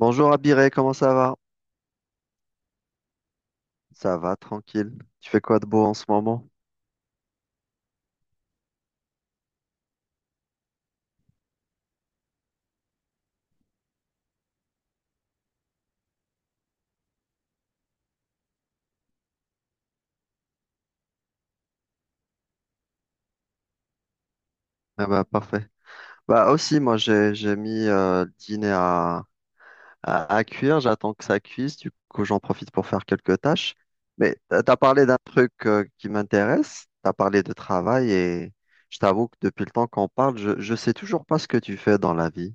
Bonjour Abiré, comment ça va? Ça va, tranquille. Tu fais quoi de beau en ce moment? Ah bah parfait. Bah aussi, moi j'ai mis le dîner à cuire, j'attends que ça cuise, du coup j'en profite pour faire quelques tâches. Mais t'as parlé d'un truc qui m'intéresse, t'as parlé de travail et je t'avoue que depuis le temps qu'on parle, je sais toujours pas ce que tu fais dans la vie.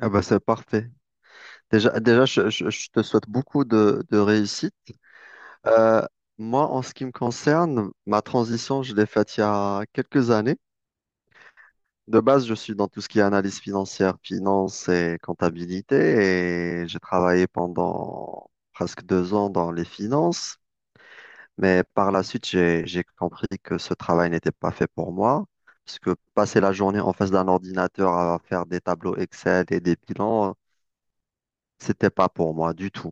Ah bah c'est parfait. Déjà, je te souhaite beaucoup de réussite. Euh, Moi, en ce qui me concerne, ma transition, je l'ai faite il y a quelques années. De base, je suis dans tout ce qui est analyse financière, finance et comptabilité, et j'ai travaillé pendant presque 2 ans dans les finances. Mais par la suite, j'ai compris que ce travail n'était pas fait pour moi, parce que passer la journée en face d'un ordinateur à faire des tableaux Excel et des bilans, c'était pas pour moi du tout.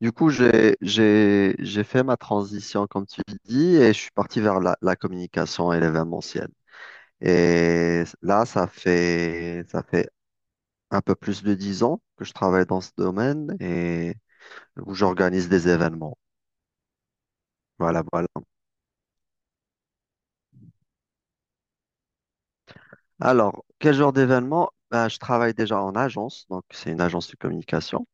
Du coup, j'ai fait ma transition, comme tu dis, et je suis parti vers la communication et l'événementiel. Et là, ça fait un peu plus de 10 ans que je travaille dans ce domaine et où j'organise des événements. Voilà, voilà. Alors, quel genre d'événement? Ben, je travaille déjà en agence, donc c'est une agence de communication.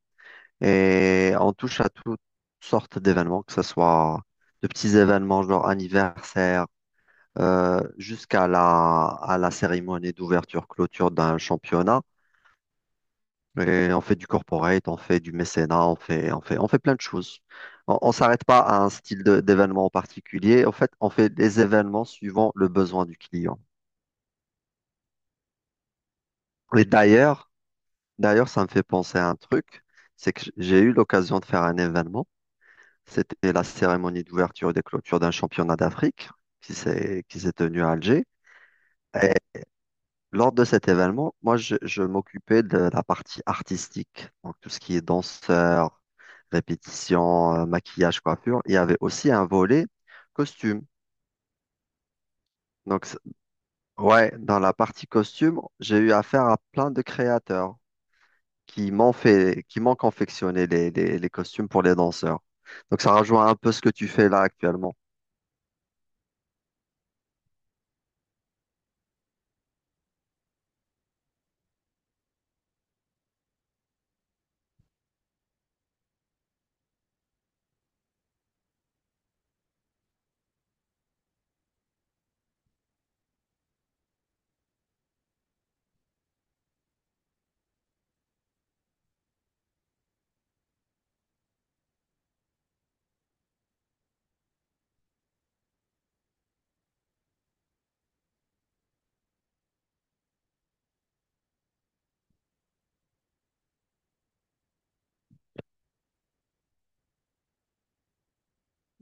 Et on touche à toutes sortes d'événements, que ce soit de petits événements genre anniversaire, jusqu'à la cérémonie d'ouverture-clôture d'un championnat. Et on fait du corporate, on fait du mécénat, on fait plein de choses. On ne s'arrête pas à un d'événement en particulier. En fait, on fait des événements suivant le besoin du client. Et d'ailleurs, d'ailleurs, ça me fait penser à un truc, c'est que j'ai eu l'occasion de faire un événement. C'était la cérémonie d'ouverture et de clôture d'un championnat d'Afrique qui s'est tenu à Alger. Lors de cet événement, moi, je m'occupais de la partie artistique, donc tout ce qui est danseur, répétition, maquillage, coiffure. Il y avait aussi un volet costume. Donc, c'est- ouais, dans la partie costume, j'ai eu affaire à plein de créateurs qui m'ont confectionné les costumes pour les danseurs. Donc, ça rejoint un peu ce que tu fais là actuellement.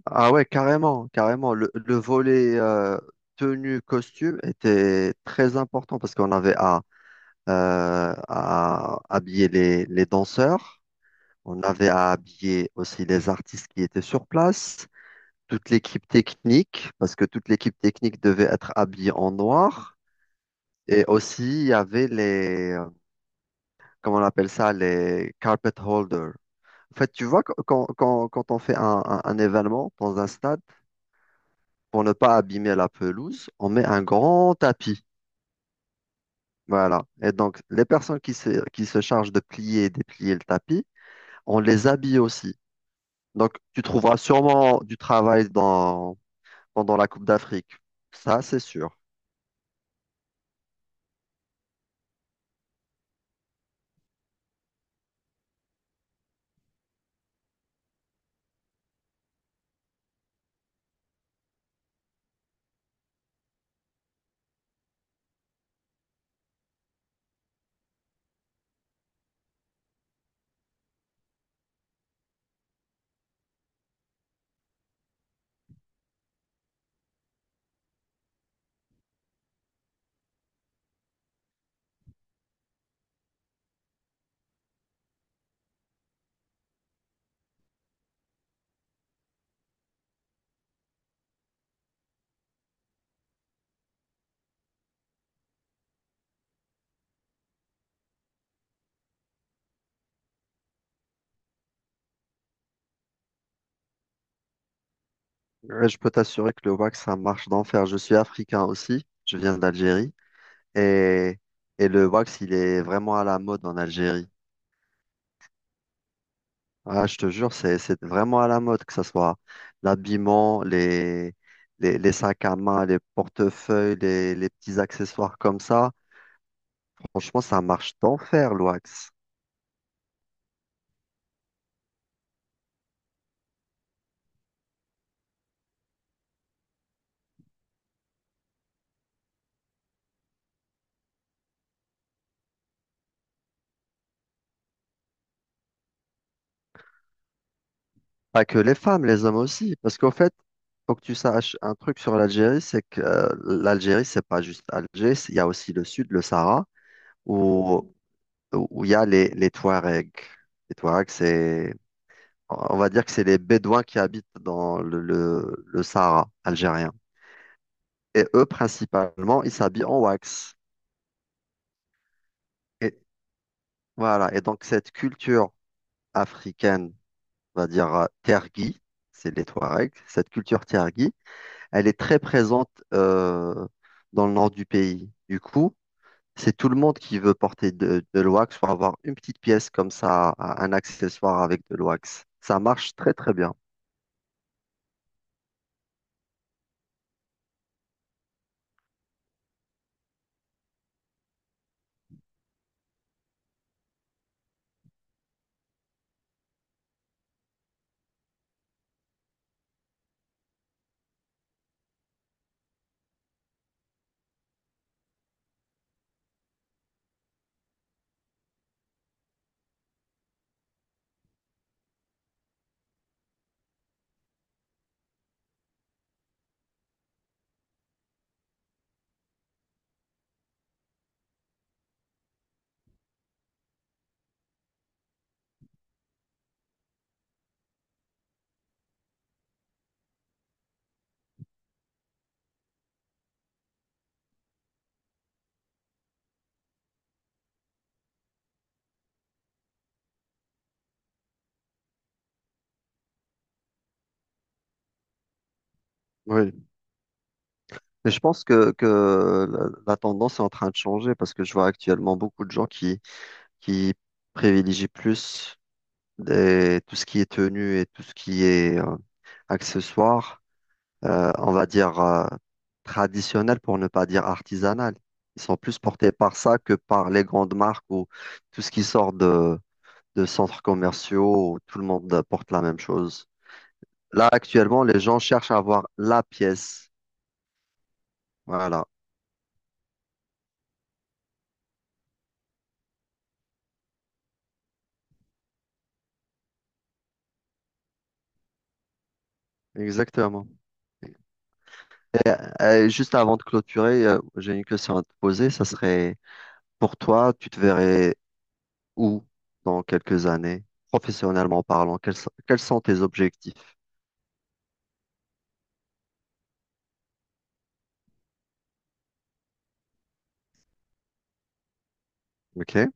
Ah ouais, carrément, carrément. Le volet tenue costume était très important parce qu'on avait à habiller les danseurs. On avait à habiller aussi les artistes qui étaient sur place, toute l'équipe technique, parce que toute l'équipe technique devait être habillée en noir. Et aussi, il y avait comment on appelle ça, les carpet holders. En fait, tu vois, quand on fait un événement dans un stade, pour ne pas abîmer la pelouse, on met un grand tapis. Voilà. Et donc, les personnes qui se chargent de plier et déplier le tapis, on les habille aussi. Donc, tu trouveras sûrement du travail dans, pendant la Coupe d'Afrique. Ça, c'est sûr. Mais je peux t'assurer que le wax, ça marche d'enfer. Je suis africain aussi. Je viens d'Algérie. Et, et le wax, il est vraiment à la mode en Algérie. Ah, je te jure, c'est vraiment à la mode, que ce soit l'habillement, les sacs à main, les portefeuilles, les petits accessoires comme ça. Franchement, ça marche d'enfer, le wax. Pas que les femmes, les hommes aussi. Parce qu'en fait, faut que tu saches un truc sur l'Algérie, c'est que l'Algérie, c'est pas juste Alger, il y a aussi le sud, le Sahara, où, où il y a les Touaregs. Les Touaregs, c'est, on va dire que c'est les Bédouins qui habitent dans le Sahara algérien. Et eux, principalement, ils s'habillent en wax. Et voilà. Et donc, cette culture africaine, on va dire tergis, c'est les Touaregs, cette culture tergis, elle est très présente dans le nord du pays. Du coup, c'est tout le monde qui veut porter de l'wax pour avoir une petite pièce comme ça, un accessoire avec de l'wax. Ça marche très très bien. Oui. Mais je pense que la tendance est en train de changer parce que je vois actuellement beaucoup de gens qui privilégient plus tout ce qui est tenue et tout ce qui est accessoire, on va dire, traditionnels pour ne pas dire artisanales. Ils sont plus portés par ça que par les grandes marques ou tout ce qui sort de centres commerciaux où tout le monde porte la même chose. Là, actuellement, les gens cherchent à avoir la pièce. Voilà, exactement. Juste avant de clôturer, j'ai une question à te poser. Ça serait, pour toi, tu te verrais où dans quelques années, professionnellement parlant? Quels sont tes objectifs? OK?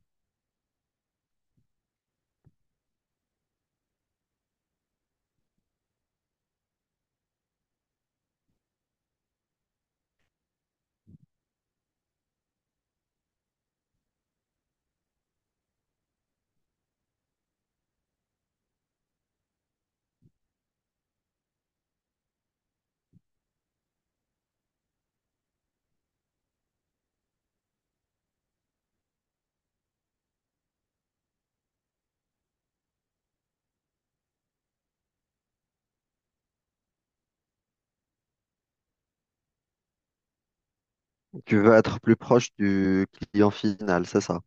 Tu veux être plus proche du client final, c'est ça?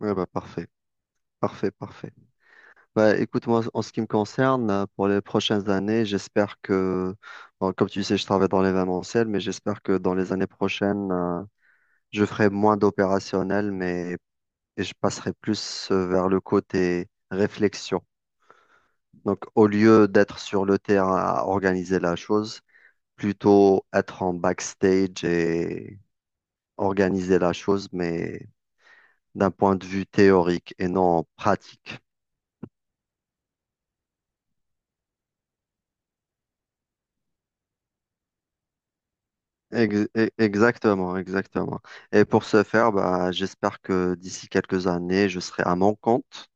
Ouais, bah, parfait, parfait, parfait. Bah, écoute, moi, en ce qui me concerne, pour les prochaines années, bon, comme tu sais, je travaille dans l'événementiel, mais j'espère que dans les années prochaines, je ferai moins d'opérationnel, mais et je passerai plus vers le côté réflexion. Donc, au lieu d'être sur le terrain à organiser la chose, plutôt être en backstage et organiser la chose, mais d'un point de vue théorique et non pratique. Exactement, exactement. Et pour ce faire, bah, j'espère que d'ici quelques années, je serai à mon compte.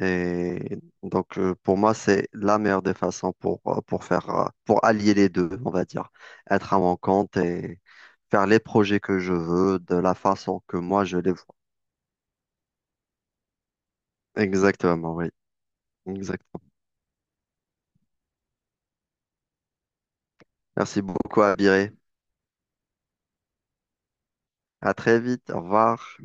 Et donc, pour moi, c'est la meilleure des façons pour, pour allier les deux, on va dire. Être à mon compte et faire les projets que je veux de la façon que moi je les vois. Exactement, oui. Exactement. Merci beaucoup, Abiré. À très vite. Au revoir.